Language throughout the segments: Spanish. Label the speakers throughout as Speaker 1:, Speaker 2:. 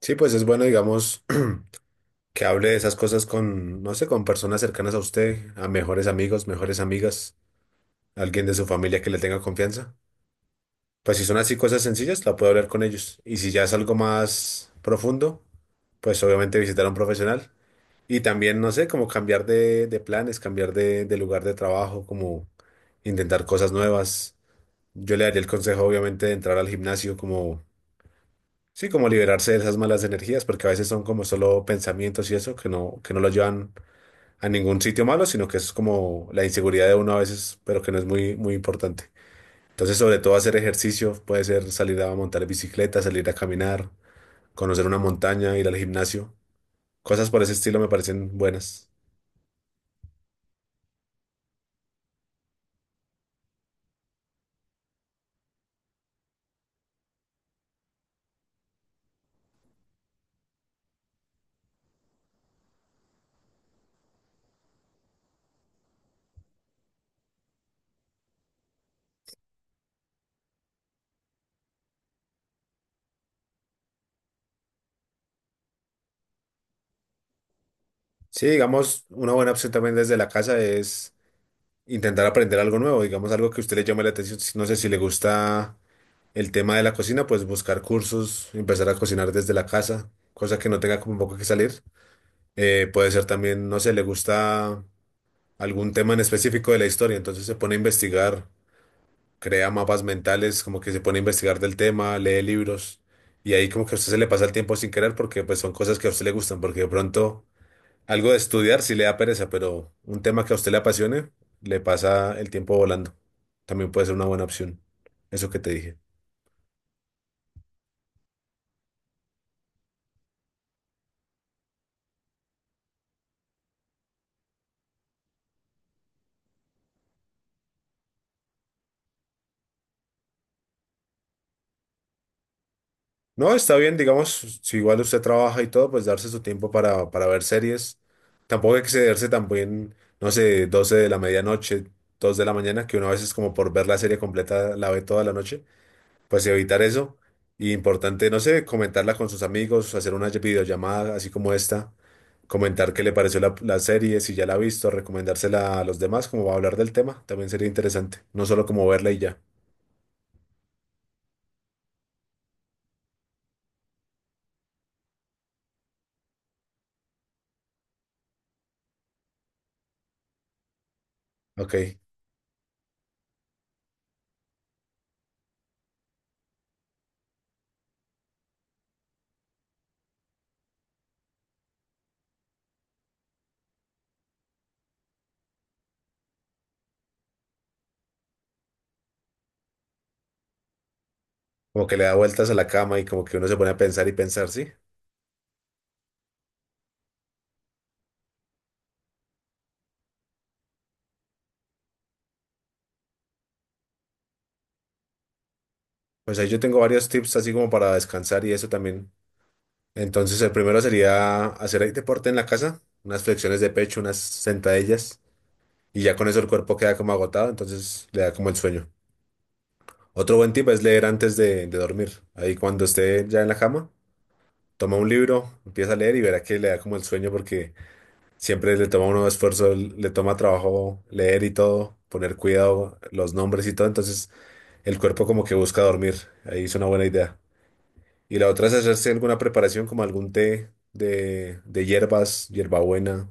Speaker 1: Sí, pues es bueno, digamos, que hable de esas cosas con, no sé, con personas cercanas a usted, a mejores amigos, mejores amigas, alguien de su familia que le tenga confianza. Pues si son así cosas sencillas, la puede hablar con ellos. Y si ya es algo más profundo, pues obviamente visitar a un profesional. Y también, no sé, como cambiar de planes, cambiar de lugar de trabajo, como intentar cosas nuevas. Yo le daría el consejo, obviamente, de entrar al gimnasio como sí, como liberarse de esas malas energías, porque a veces son como solo pensamientos y eso, que no lo llevan a ningún sitio malo, sino que es como la inseguridad de uno a veces, pero que no es muy, muy importante. Entonces, sobre todo hacer ejercicio, puede ser salir a montar bicicleta, salir a caminar, conocer una montaña, ir al gimnasio. Cosas por ese estilo me parecen buenas. Sí, digamos, una buena opción también desde la casa es intentar aprender algo nuevo, digamos algo que a usted le llame la atención. No sé si le gusta el tema de la cocina, pues buscar cursos, empezar a cocinar desde la casa, cosa que no tenga como un poco que salir. Puede ser también, no sé, le gusta algún tema en específico de la historia, entonces se pone a investigar, crea mapas mentales, como que se pone a investigar del tema, lee libros, y ahí como que a usted se le pasa el tiempo sin querer porque pues son cosas que a usted le gustan, porque de pronto algo de estudiar sí le da pereza, pero un tema que a usted le apasione, le pasa el tiempo volando. También puede ser una buena opción, eso que te dije. No, está bien, digamos, si igual usted trabaja y todo, pues darse su tiempo para ver series. Tampoco excederse también, no sé, 12 de la medianoche, 2 de la mañana, que uno a veces como por ver la serie completa la ve toda la noche, pues evitar eso. Y importante, no sé, comentarla con sus amigos, hacer una videollamada así como esta, comentar qué le pareció la serie, si ya la ha visto, recomendársela a los demás, como va a hablar del tema, también sería interesante, no solo como verla y ya, ok, como que le da vueltas a la cama y como que uno se pone a pensar y pensar, ¿sí? Pues ahí yo tengo varios tips así como para descansar y eso también. Entonces, el primero sería hacer ahí deporte en la casa, unas flexiones de pecho, unas sentadillas, y ya con eso el cuerpo queda como agotado, entonces le da como el sueño. Otro buen tip es leer antes de dormir. Ahí cuando esté ya en la cama, toma un libro, empieza a leer y verá que le da como el sueño porque siempre le toma uno esfuerzo, le toma trabajo leer y todo, poner cuidado, los nombres y todo, entonces el cuerpo como que busca dormir. Ahí es una buena idea. Y la otra es hacerse alguna preparación como algún té de hierbas, hierbabuena,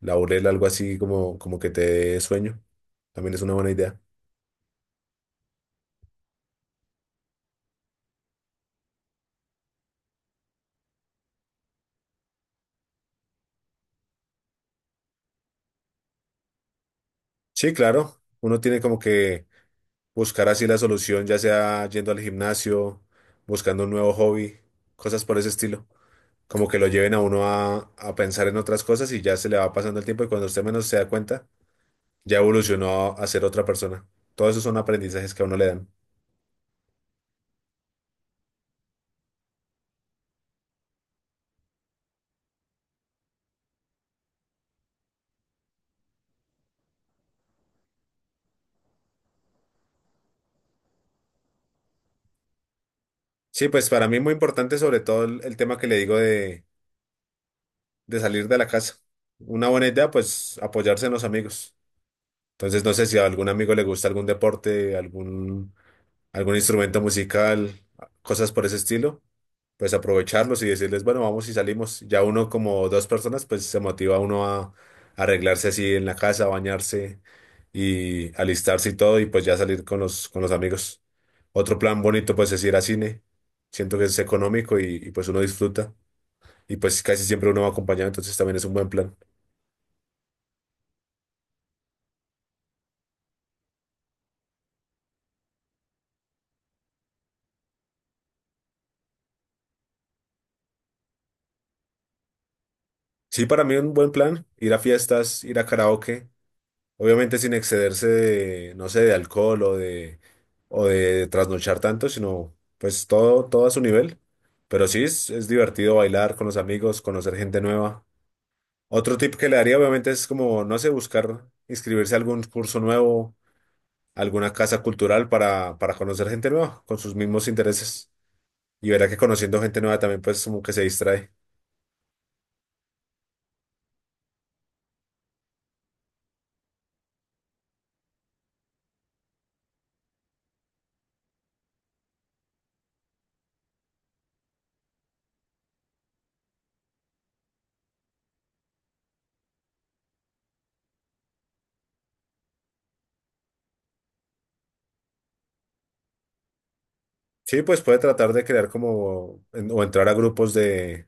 Speaker 1: laurel, algo así como, como que te dé sueño. También es una buena idea. Sí, claro. Uno tiene como que buscar así la solución, ya sea yendo al gimnasio, buscando un nuevo hobby, cosas por ese estilo. Como que lo lleven a uno a pensar en otras cosas y ya se le va pasando el tiempo y cuando usted menos se da cuenta, ya evolucionó a ser otra persona. Todos esos son aprendizajes que a uno le dan. Sí, pues para mí muy importante sobre todo el tema que le digo de salir de la casa. Una buena idea, pues apoyarse en los amigos. Entonces, no sé si a algún amigo le gusta algún deporte, algún algún instrumento musical, cosas por ese estilo, pues aprovecharlos y decirles, bueno, vamos y salimos. Ya uno como dos personas, pues se motiva uno a arreglarse así en la casa, bañarse y alistarse y todo, y pues ya salir con los amigos. Otro plan bonito, pues es ir a cine. Siento que es económico y, pues uno disfruta. Y pues casi siempre uno va acompañado, entonces también es un buen plan. Sí, para mí un buen plan, ir a fiestas, ir a karaoke. Obviamente sin excederse de, no sé, de alcohol o de trasnochar tanto, sino pues todo, todo a su nivel. Pero sí es divertido bailar con los amigos, conocer gente nueva. Otro tip que le daría obviamente es como, no sé, buscar inscribirse a algún curso nuevo, alguna casa cultural para conocer gente nueva con sus mismos intereses. Y verá que conociendo gente nueva también pues como que se distrae. Sí, pues puede tratar de crear como o entrar a grupos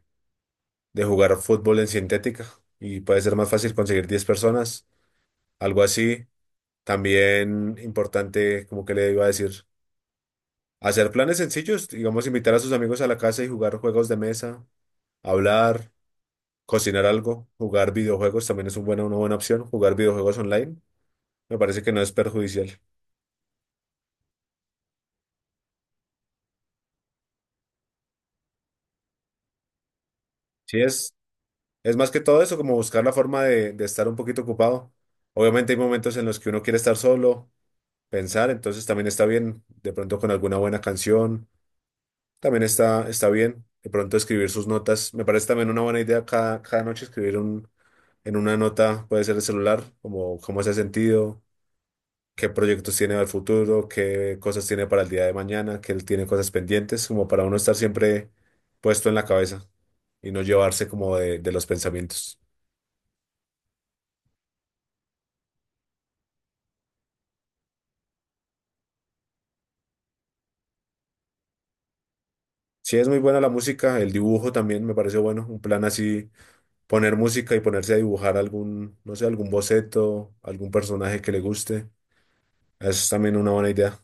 Speaker 1: de jugar fútbol en sintética y puede ser más fácil conseguir 10 personas, algo así. También importante, como que le iba a decir, hacer planes sencillos, digamos, invitar a sus amigos a la casa y jugar juegos de mesa, hablar, cocinar algo, jugar videojuegos también es una buena opción, jugar videojuegos online, me parece que no es perjudicial. Sí, es más que todo eso, como buscar la forma de estar un poquito ocupado. Obviamente hay momentos en los que uno quiere estar solo, pensar, entonces también está bien de pronto con alguna buena canción. También está bien de pronto escribir sus notas. Me parece también una buena idea cada, cada noche escribir un, en una nota, puede ser el celular, como cómo se ha sentido, qué proyectos tiene al futuro, qué cosas tiene para el día de mañana, que él tiene cosas pendientes, como para uno estar siempre puesto en la cabeza y no llevarse como de los pensamientos. Sí, es muy buena la música, el dibujo también me parece bueno, un plan así, poner música y ponerse a dibujar algún, no sé, algún boceto, algún personaje que le guste. Eso es también una buena idea.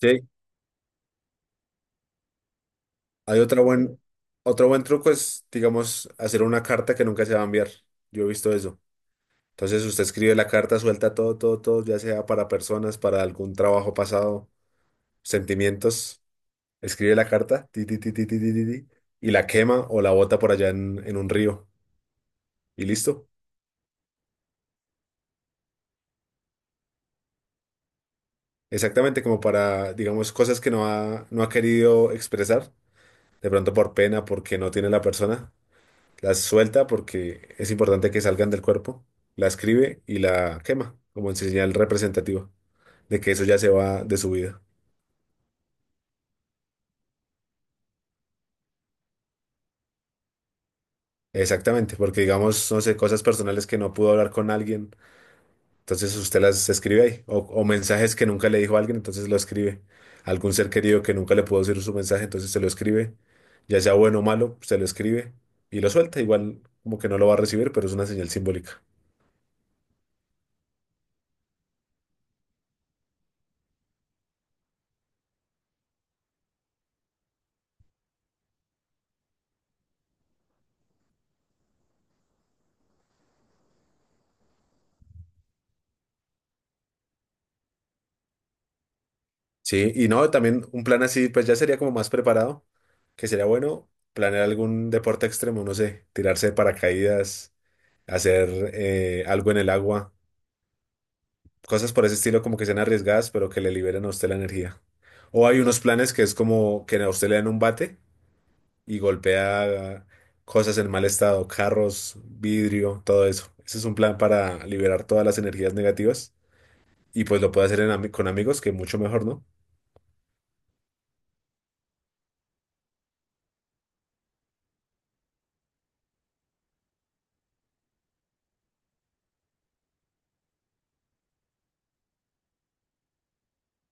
Speaker 1: Sí, hay otra buen, otro buen truco es, digamos, hacer una carta que nunca se va a enviar. Yo he visto eso. Entonces usted escribe la carta, suelta todo, todo, todo, ya sea para personas, para algún trabajo pasado, sentimientos. Escribe la carta, ti, ti, ti, ti, ti, ti, ti, ti, y la quema o la bota por allá en un río. Y listo. Exactamente como para, digamos, cosas que no ha querido expresar, de pronto por pena, porque no tiene la persona. Las suelta porque es importante que salgan del cuerpo, la escribe y la quema como en señal representativa de que eso ya se va de su vida. Exactamente, porque digamos, no sé, cosas personales que no pudo hablar con alguien, entonces usted las escribe ahí, o mensajes que nunca le dijo a alguien, entonces lo escribe. Algún ser querido que nunca le pudo decir su mensaje, entonces se lo escribe, ya sea bueno o malo, se lo escribe y lo suelta, igual como que no lo va a recibir, pero es una señal simbólica. Sí, y no, también un plan así, pues ya sería como más preparado, que sería bueno planear algún deporte extremo, no sé, tirarse de paracaídas, hacer algo en el agua, cosas por ese estilo como que sean arriesgadas, pero que le liberen a usted la energía. O hay unos planes que es como que a usted le dan un bate y golpea cosas en mal estado, carros, vidrio, todo eso. Ese es un plan para liberar todas las energías negativas y pues lo puede hacer en con amigos, que mucho mejor, ¿no?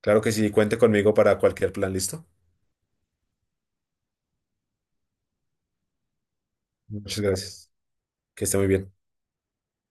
Speaker 1: Claro que sí, cuente conmigo para cualquier plan, ¿listo? Muchas gracias. Que esté muy bien.